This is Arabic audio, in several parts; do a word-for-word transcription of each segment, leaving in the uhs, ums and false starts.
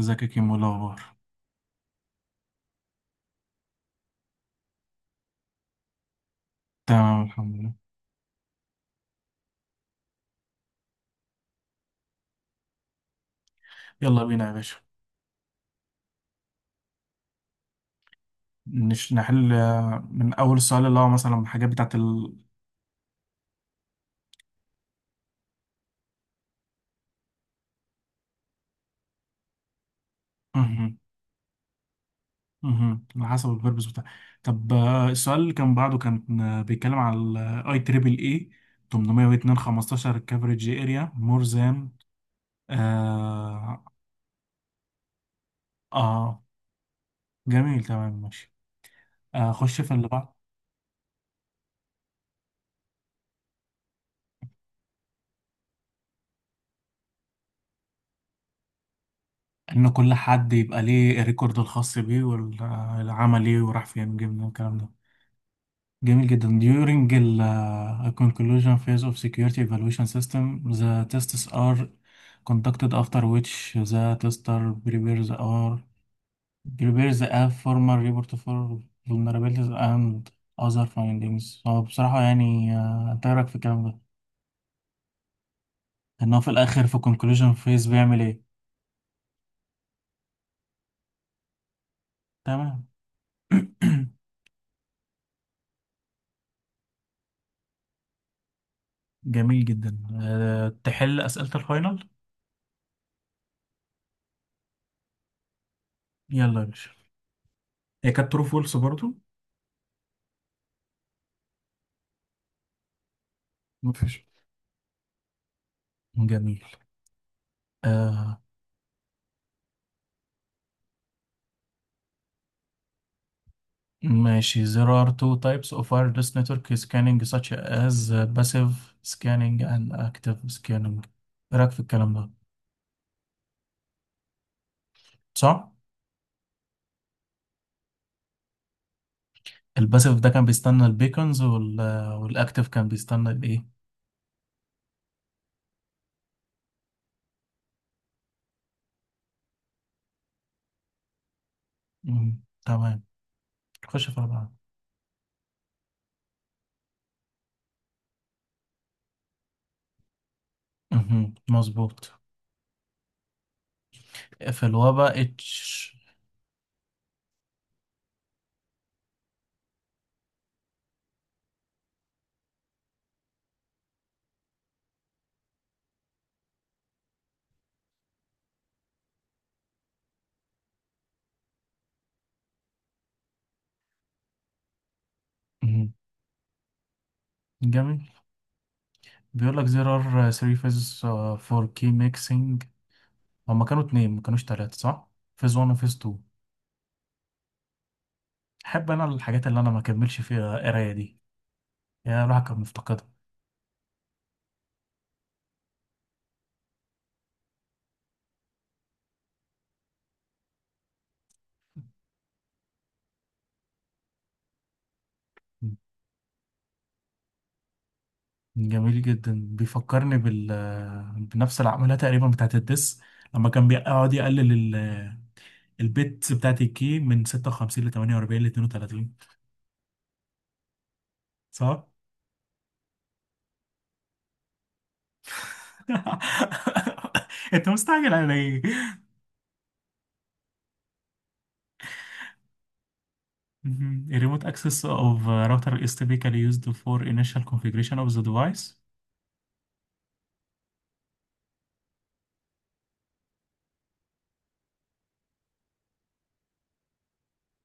ازيك يا كيمو، إيه الاخبار؟ تمام، الحمد لله. يلا بينا يا باشا. نش نحل، آه، من اول السؤال اللي هو مثلا الحاجات بتاعت ال. مهم. مهم، على حسب البيربز بتاع. طب آه، السؤال اللي كان بعده كان آه، بيتكلم على الاي تريبل اي ثمنمية واتنين خمستاشر كفريج اريا مور ذان. آه. آه. جميل، تمام، ماشي. آه، خش في اللي بعد. إن كل حد يبقى ليه الريكورد الخاص بيه والعمل إيه وراح فين وجه منين الكلام. جميل جدا. During ال uh, conclusion phase of security evaluation system, the tests are conducted after which the tester prepares or prepares a formal report for vulnerabilities and other findings. هو بصراحة يعني، آه، انت إيه رأيك في الكلام ده؟ ان هو في الاخر في conclusion phase بيعمل ايه؟ تمام. جميل جدا. آه، تحل أسئلة الفاينل. يلا يا باشا. هي كانت true false برضو. مفيش. جميل. آه ماشي. There are two types of wireless network scanning such as passive scanning and active scanning. ايه رأيك في الكلام ده؟ صح. الباسيف ده كان بيستنى البيكونز وال والاكتيف كان بيستنى الايه؟ مم، تمام. خش في بعض. مهم. مظبوط. في الوبا اتش. مهم. جميل. بيقول لك there are three phases uh, for key mixing. هما كانوا اتنين ما كانوش تلاتة، صح؟ phase ون و phase تو. احب انا الحاجات اللي انا ما كملش فيها قرايه دي، يا الواحد كان مفتقدها. جميل جدا. بيفكرني بال بنفس العملية تقريبا بتاعت الدس، لما كان بيقعد يقلل ال- البيتس بتاعت الكي من ستة وخمسين ل ثمانية واربعين ل اتنين وتلاتين، صح؟ انت مستعجل على ايه؟ مهم. A remote access of a router is typically used for initial configuration of the device.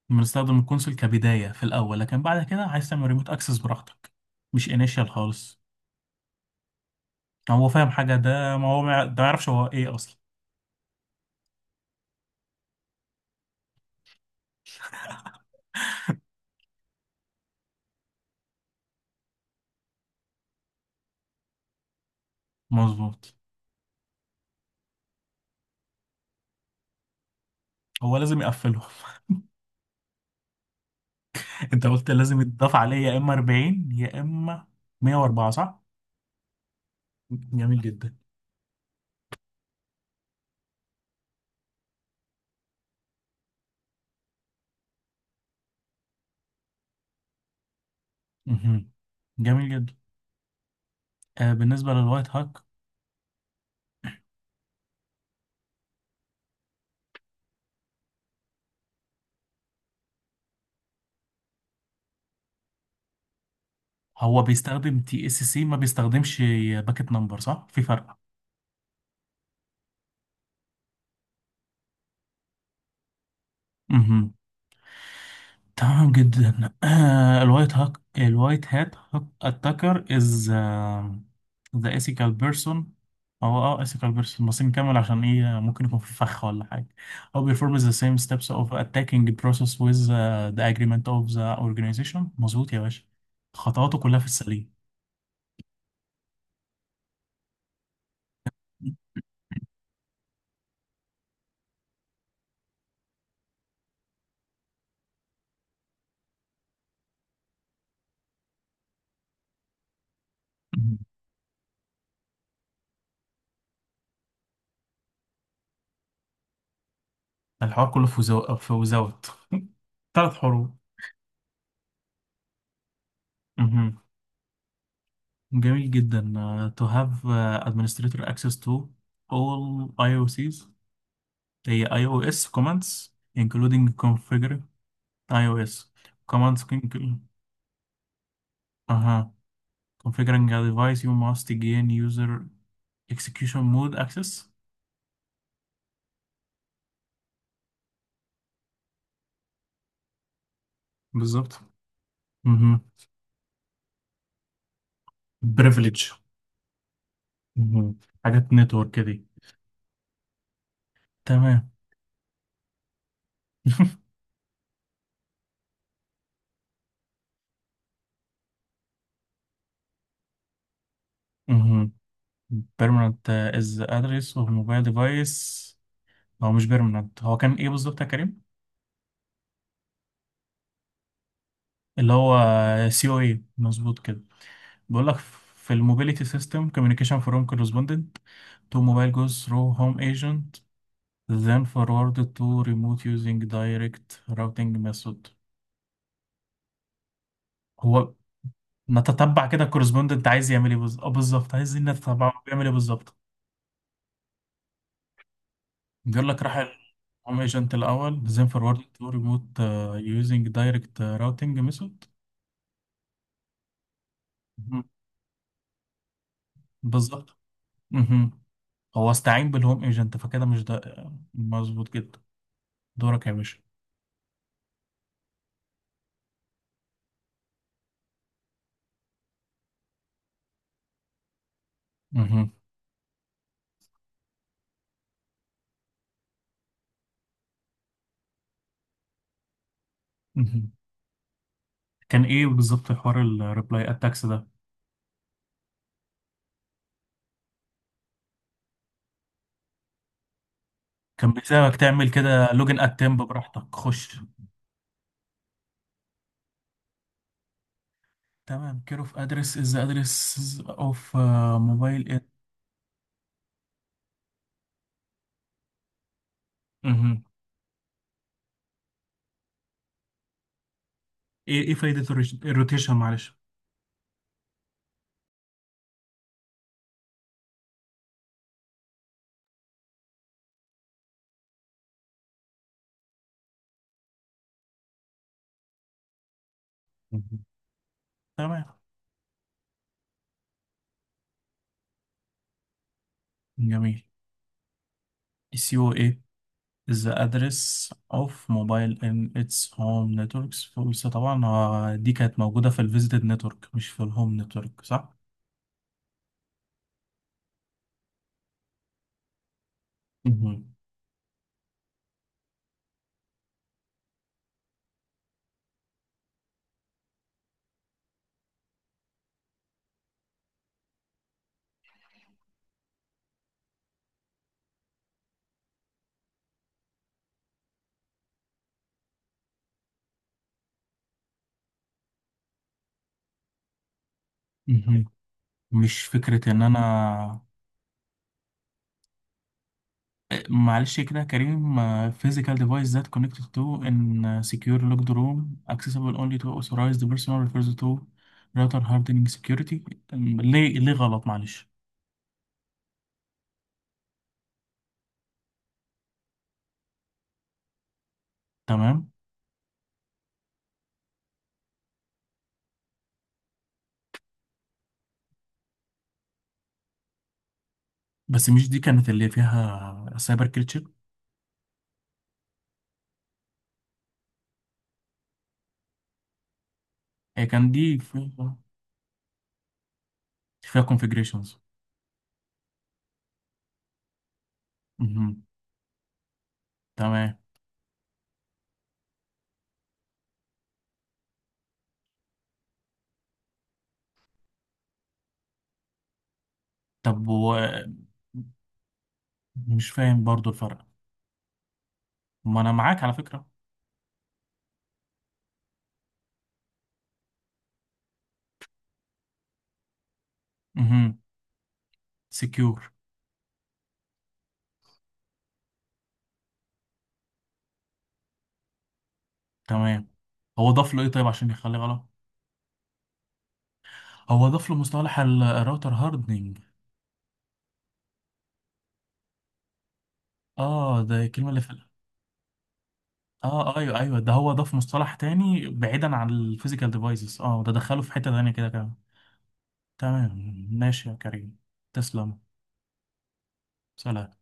بنستخدم الكونسول كبداية في الأول، لكن بعد كده عايز تعمل remote access براحتك. مش initial خالص. هو فاهم حاجة ده ما هو ما ده ما يعرفش هو ايه أصلا. مظبوط. هو لازم يقفلهم. انت قلت لازم يتضاف عليه يا اما اربعين يا اما ميه واربعة، صح. جميل جدا. مهم. جميل جدا. آه بالنسبه للوايت هاك. هو بيستخدم تي اس سي، ما بيستخدمش باكيت نمبر، صح، في فرق. مهم. تمام جدا، آه، الوايت هاك الوايت هات اتاكر از ذا ethical بيرسون. هو اه ethical بيرسون، بس نكمل عشان ايه ممكن يكون في فخ ولا حاجة. هو performs the same steps of attacking process with uh, the agreement of the organization. مظبوط يا باشا، خطواته كلها في السليم. مهم. الحوار كله في وزو... في وزوت. ثلاث حروف. مهم. جميل جدا. uh, to have uh, administrator access to all I O C s. هي اي او اس كوماندز including configure iOS commands include. اها. Configuring a device you must gain user execution mode access. بالظبط. اها. Privilege. اها. حاجات نتورك كده. تمام. اها. Permanent is the address of mobile device. هو مش permanent، هو كان ايه بالظبط يا كريم؟ اللي هو سي او اي. مظبوط كده. بقول لك في الموبيليتي سيستم communication from correspondent to mobile goes through home agent then forwarded to remote using direct routing method. هو نتتبع كده الكورسبوندنت عايز يعمل ايه بالظ- آه بالظبط، عايز إن نتتبع هو بيعمل ايه بالظبط. بيقول لك راح الهوم ايجنت الاول، then forwarded to remote آه، using direct آه، routing method. مهم. بالظبط. مهم. هو استعين بالهوم ايجنت فكده مش ده. مظبوط جدا. دورك يا باشا. مهم. مهم. كان ايه بالظبط حوار الريبلاي اتاكس ده؟ كان بيساعدك تعمل كده لوجن اتمب براحتك خش. تمام. كير اوف ادرس از ادرس اوف موبايل ات. ايه ايه فايدة الروش- الروتيشن، معلش. مهم. تمام. جميل. السي او ايه is the address of mobile in its home networks. فقلت طبعا، آه، دي كانت موجودة في الفيزيتد نتورك مش في الهوم نتورك، صح؟ مهم. مهم. مش فكرة ان انا. معلش كده يا كريم. Physical device that connected to in secure locked room accessible only to authorized person refers to router hardening security. أم، ليه ليه غلط؟ معلش. تمام. بس مش دي كانت اللي فيها سايبر كريتشر؟ هي كان دي فيها فيها configurations. مهم. تمام. طب و- مش فاهم برضو الفرق. ما انا معاك على فكرة. مهم. Secure. تمام. هو ضاف له ايه طيب عشان يخليه غلط؟ هو ضاف له مصطلح الراوتر هاردنج. اه، ده الكلمة اللي في ال-. اه، ايوه ايوه، ده هو ضاف مصطلح تاني بعيدا عن الفيزيكال ديفايسز. اه ده دخله في حتة تانية كده كمان. تمام ماشي يا كريم. تسلم. سلام.